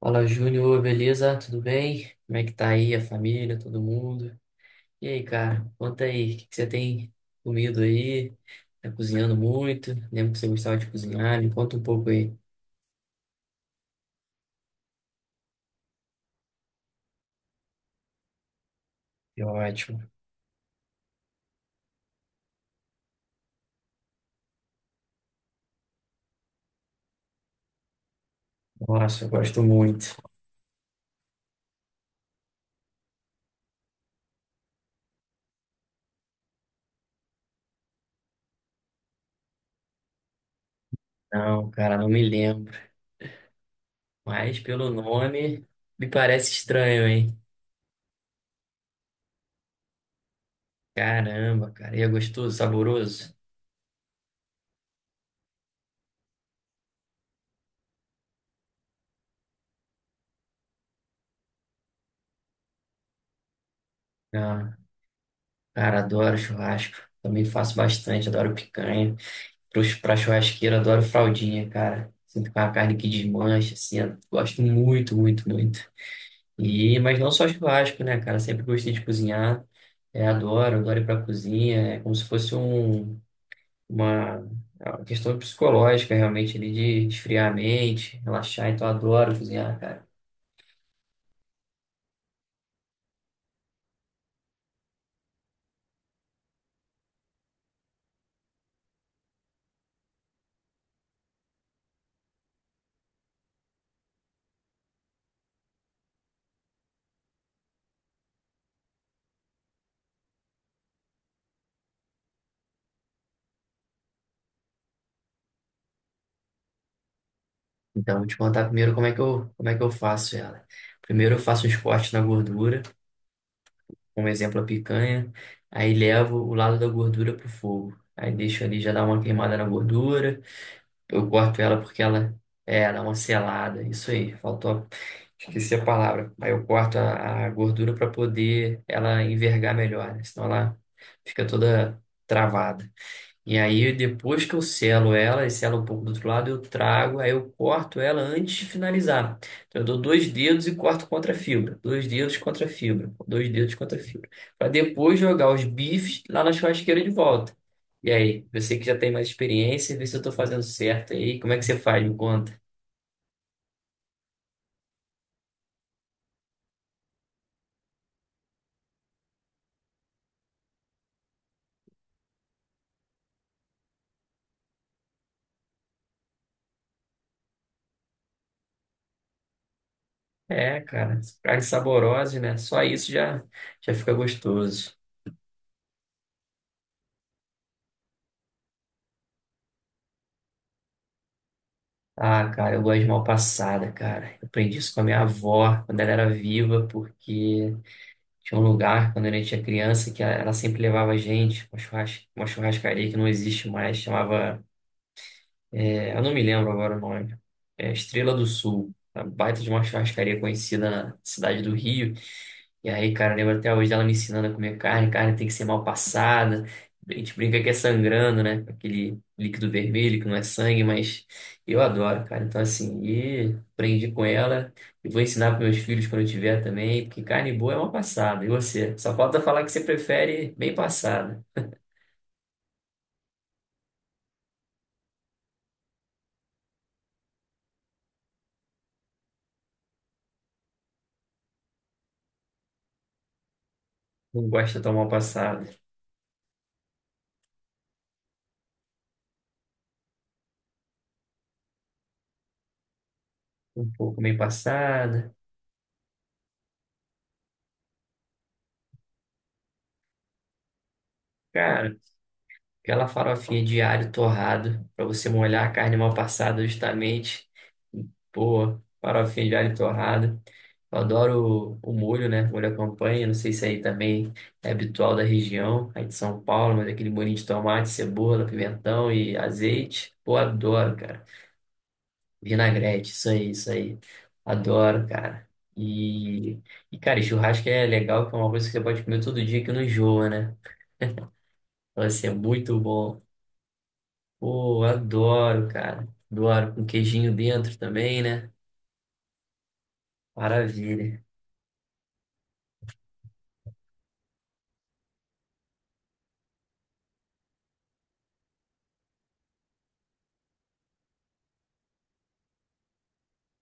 Fala, Júnior, beleza? Tudo bem? Como é que tá aí a família, todo mundo? E aí, cara, conta aí, o que que você tem comido aí? Tá cozinhando muito? Lembro que você gostava de cozinhar, me conta um pouco aí. Que ótimo. Nossa, eu gosto muito. Não, cara, não me lembro. Mas pelo nome, me parece estranho, hein? Caramba, cara, e é gostoso, saboroso? Ah, cara, adoro churrasco. Também faço bastante, adoro picanha. Pra churrasqueira, adoro fraldinha, cara. Sinto com a carne que desmancha, assim. Eu Gosto muito, muito, muito. E, mas não só churrasco, né, cara? Sempre gostei de cozinhar. É, adoro, adoro ir pra cozinha. É como se fosse uma, é uma questão psicológica, realmente, ali, de esfriar a mente, relaxar. Então, adoro cozinhar, cara. Então, vou te contar primeiro como é que eu faço ela. Primeiro, eu faço uns cortes na gordura. Como exemplo a picanha, aí levo o lado da gordura pro fogo. Aí deixo ali já dar uma queimada na gordura. Eu corto ela porque ela é, dá uma selada. Isso aí, faltou. Esqueci a palavra. Aí eu corto a gordura para poder ela envergar melhor, né? Senão ela fica toda travada. E aí, depois que eu selo ela, e selo um pouco do outro lado, eu trago, aí eu corto ela antes de finalizar. Então, eu dou dois dedos e corto contra a fibra. Dois dedos contra a fibra. Dois dedos contra a fibra. Para depois jogar os bifes lá na churrasqueira de volta. E aí, você que já tem mais experiência, vê se eu tô fazendo certo aí. Como é que você faz? Me conta. É, cara, carne saborosa, né? Só isso já, já fica gostoso. Ah, cara, eu gosto de mal passada, cara. Eu aprendi isso com a minha avó quando ela era viva, porque tinha um lugar, quando a gente era criança, que ela sempre levava a gente, uma uma churrascaria que não existe mais, chamava eu não me lembro agora o nome. É Estrela do Sul. Uma baita de uma churrascaria conhecida na cidade do Rio. E aí, cara, eu lembro até hoje dela me ensinando a comer carne. Carne tem que ser mal passada. A gente brinca que é sangrando, né? Com aquele líquido vermelho que não é sangue, mas eu adoro, cara. Então, assim, e aprendi com ela. E vou ensinar para meus filhos quando eu tiver também, porque carne boa é mal passada. E você? Só falta falar que você prefere bem passada. Não gosta tão mal passada. Um pouco bem passada. Cara. Aquela farofinha de alho torrado para você molhar a carne mal passada justamente. Pô, farofinha de alho torrado. Eu adoro o molho, né? Molho à campanha. Não sei se aí também é habitual da região, aí de São Paulo, mas aquele molhinho de tomate, cebola, pimentão e azeite. Pô, adoro, cara. Vinagrete, isso aí, isso aí. Adoro, cara. E, e cara, e churrasco é legal, que é uma coisa que você pode comer todo dia que não enjoa, né? Vai ser muito bom. Pô, adoro, cara. Adoro com queijinho dentro também, né? Maravilha.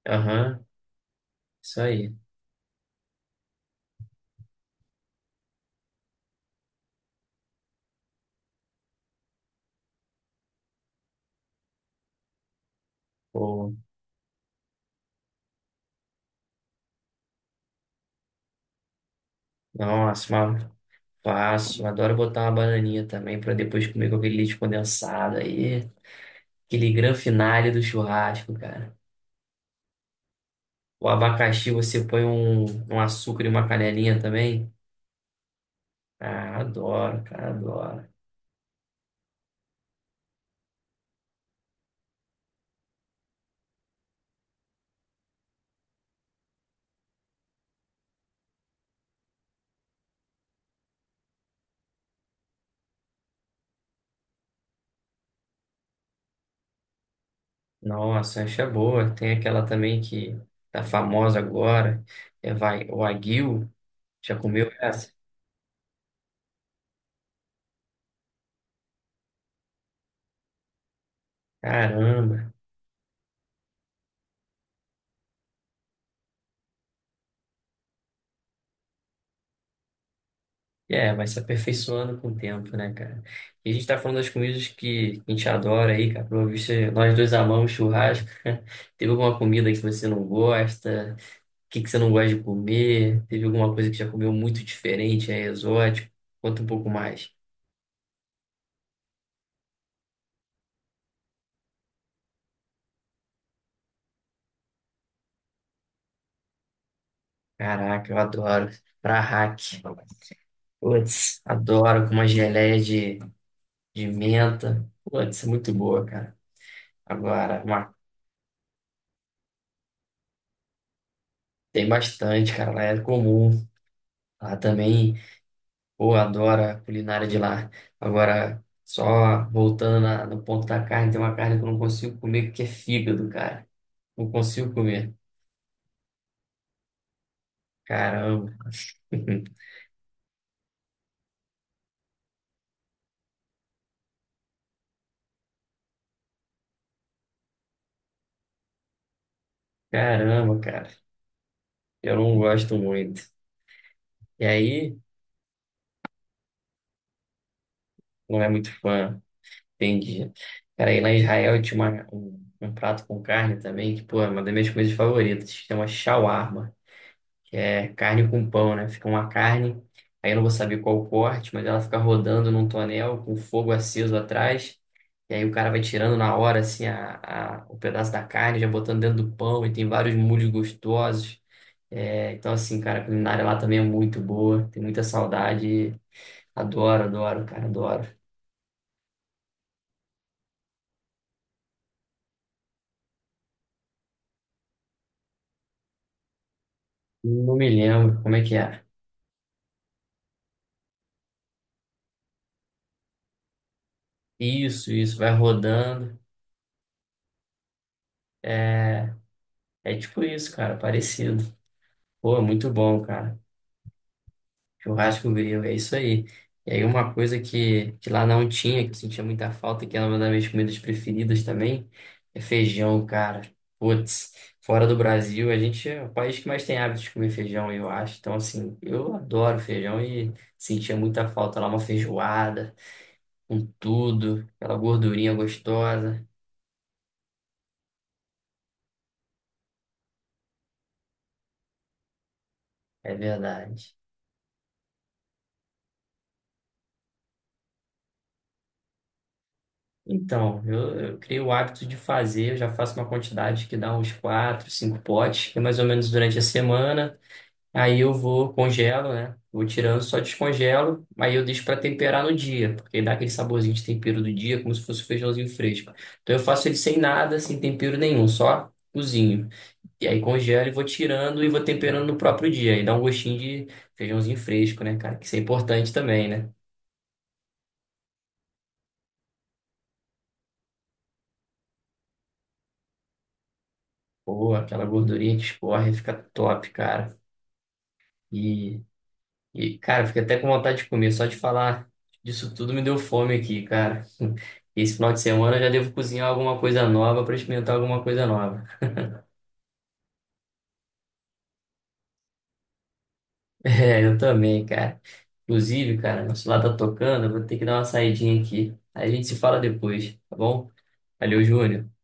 Aham, isso aí. Pô, nossa, mal faço. Adoro botar uma bananinha também pra depois comer com aquele leite condensado aí. Aquele gran finale do churrasco, cara. O abacaxi você põe um açúcar e uma canelinha também. Ah, adoro, cara, adoro. Nossa, essa é boa. Tem aquela também que tá famosa agora. É vai, o aguil. Já comeu essa? Caramba! É, vai se aperfeiçoando com o tempo, né, cara? E a gente tá falando das comidas que a gente adora aí, cara. Pelo visto, nós dois amamos churrasco. Teve alguma comida que você não gosta? O que que você não gosta de comer? Teve alguma coisa que já comeu muito diferente, é exótico? Conta um pouco mais. Caraca, eu adoro. Prahak. Putz, adoro com uma geleia de menta. Putz, é muito boa, cara. Agora, uma- Tem bastante, cara. Lá é comum. Lá também. Pô, adoro a culinária de lá. Agora, só voltando no ponto da carne, tem uma carne que eu não consigo comer que é fígado, cara. Não consigo comer. Caramba. Caramba, cara. Eu não gosto muito. E aí, não é muito fã, entendi. Cara, aí lá em Israel tinha um prato com carne também, que, pô, é uma das minhas coisas favoritas. Chama shawarma. Que É carne com pão, né? Fica uma carne, aí eu não vou saber qual o corte, mas ela fica rodando num tonel com fogo aceso atrás, e aí o cara vai tirando na hora, assim, o pedaço da carne, já botando dentro do pão, e tem vários molhos gostosos. É, então, assim, cara, a culinária lá também é muito boa, tem muita saudade, adoro, adoro, cara, adoro. Não me lembro como é que é. Isso, vai rodando, é, é tipo isso, cara, parecido. Pô, muito bom, cara. Churrasco grego, é isso aí. E aí uma coisa que lá não tinha, que eu sentia muita falta, que era uma das minhas comidas preferidas também, é feijão, cara. Putz, fora do Brasil, a gente é o país que mais tem hábito de comer feijão, eu acho. Então, assim, eu adoro feijão e sentia muita falta lá, uma feijoada, com tudo, aquela gordurinha gostosa. É verdade. Então, eu criei o hábito de fazer, eu já faço uma quantidade que dá uns quatro, cinco potes, que é mais ou menos durante a semana. Aí eu vou, congelo, né? Vou tirando, só descongelo. Aí eu deixo para temperar no dia, porque dá aquele saborzinho de tempero do dia, como se fosse um feijãozinho fresco. Então eu faço ele sem nada, sem tempero nenhum, só cozinho. E aí congelo e vou tirando e vou temperando no próprio dia. Aí dá um gostinho de feijãozinho fresco, né, cara? Que isso é importante também, né? Pô, aquela gordurinha que escorre, fica top, cara. E E cara, fiquei até com vontade de comer. Só de falar disso tudo me deu fome aqui, cara. Esse final de semana eu já devo cozinhar alguma coisa nova para experimentar alguma coisa nova. É, eu também, cara. Inclusive, cara, nosso celular tá tocando, eu vou ter que dar uma saidinha aqui. Aí A gente se fala depois, tá bom? Valeu, Júnior.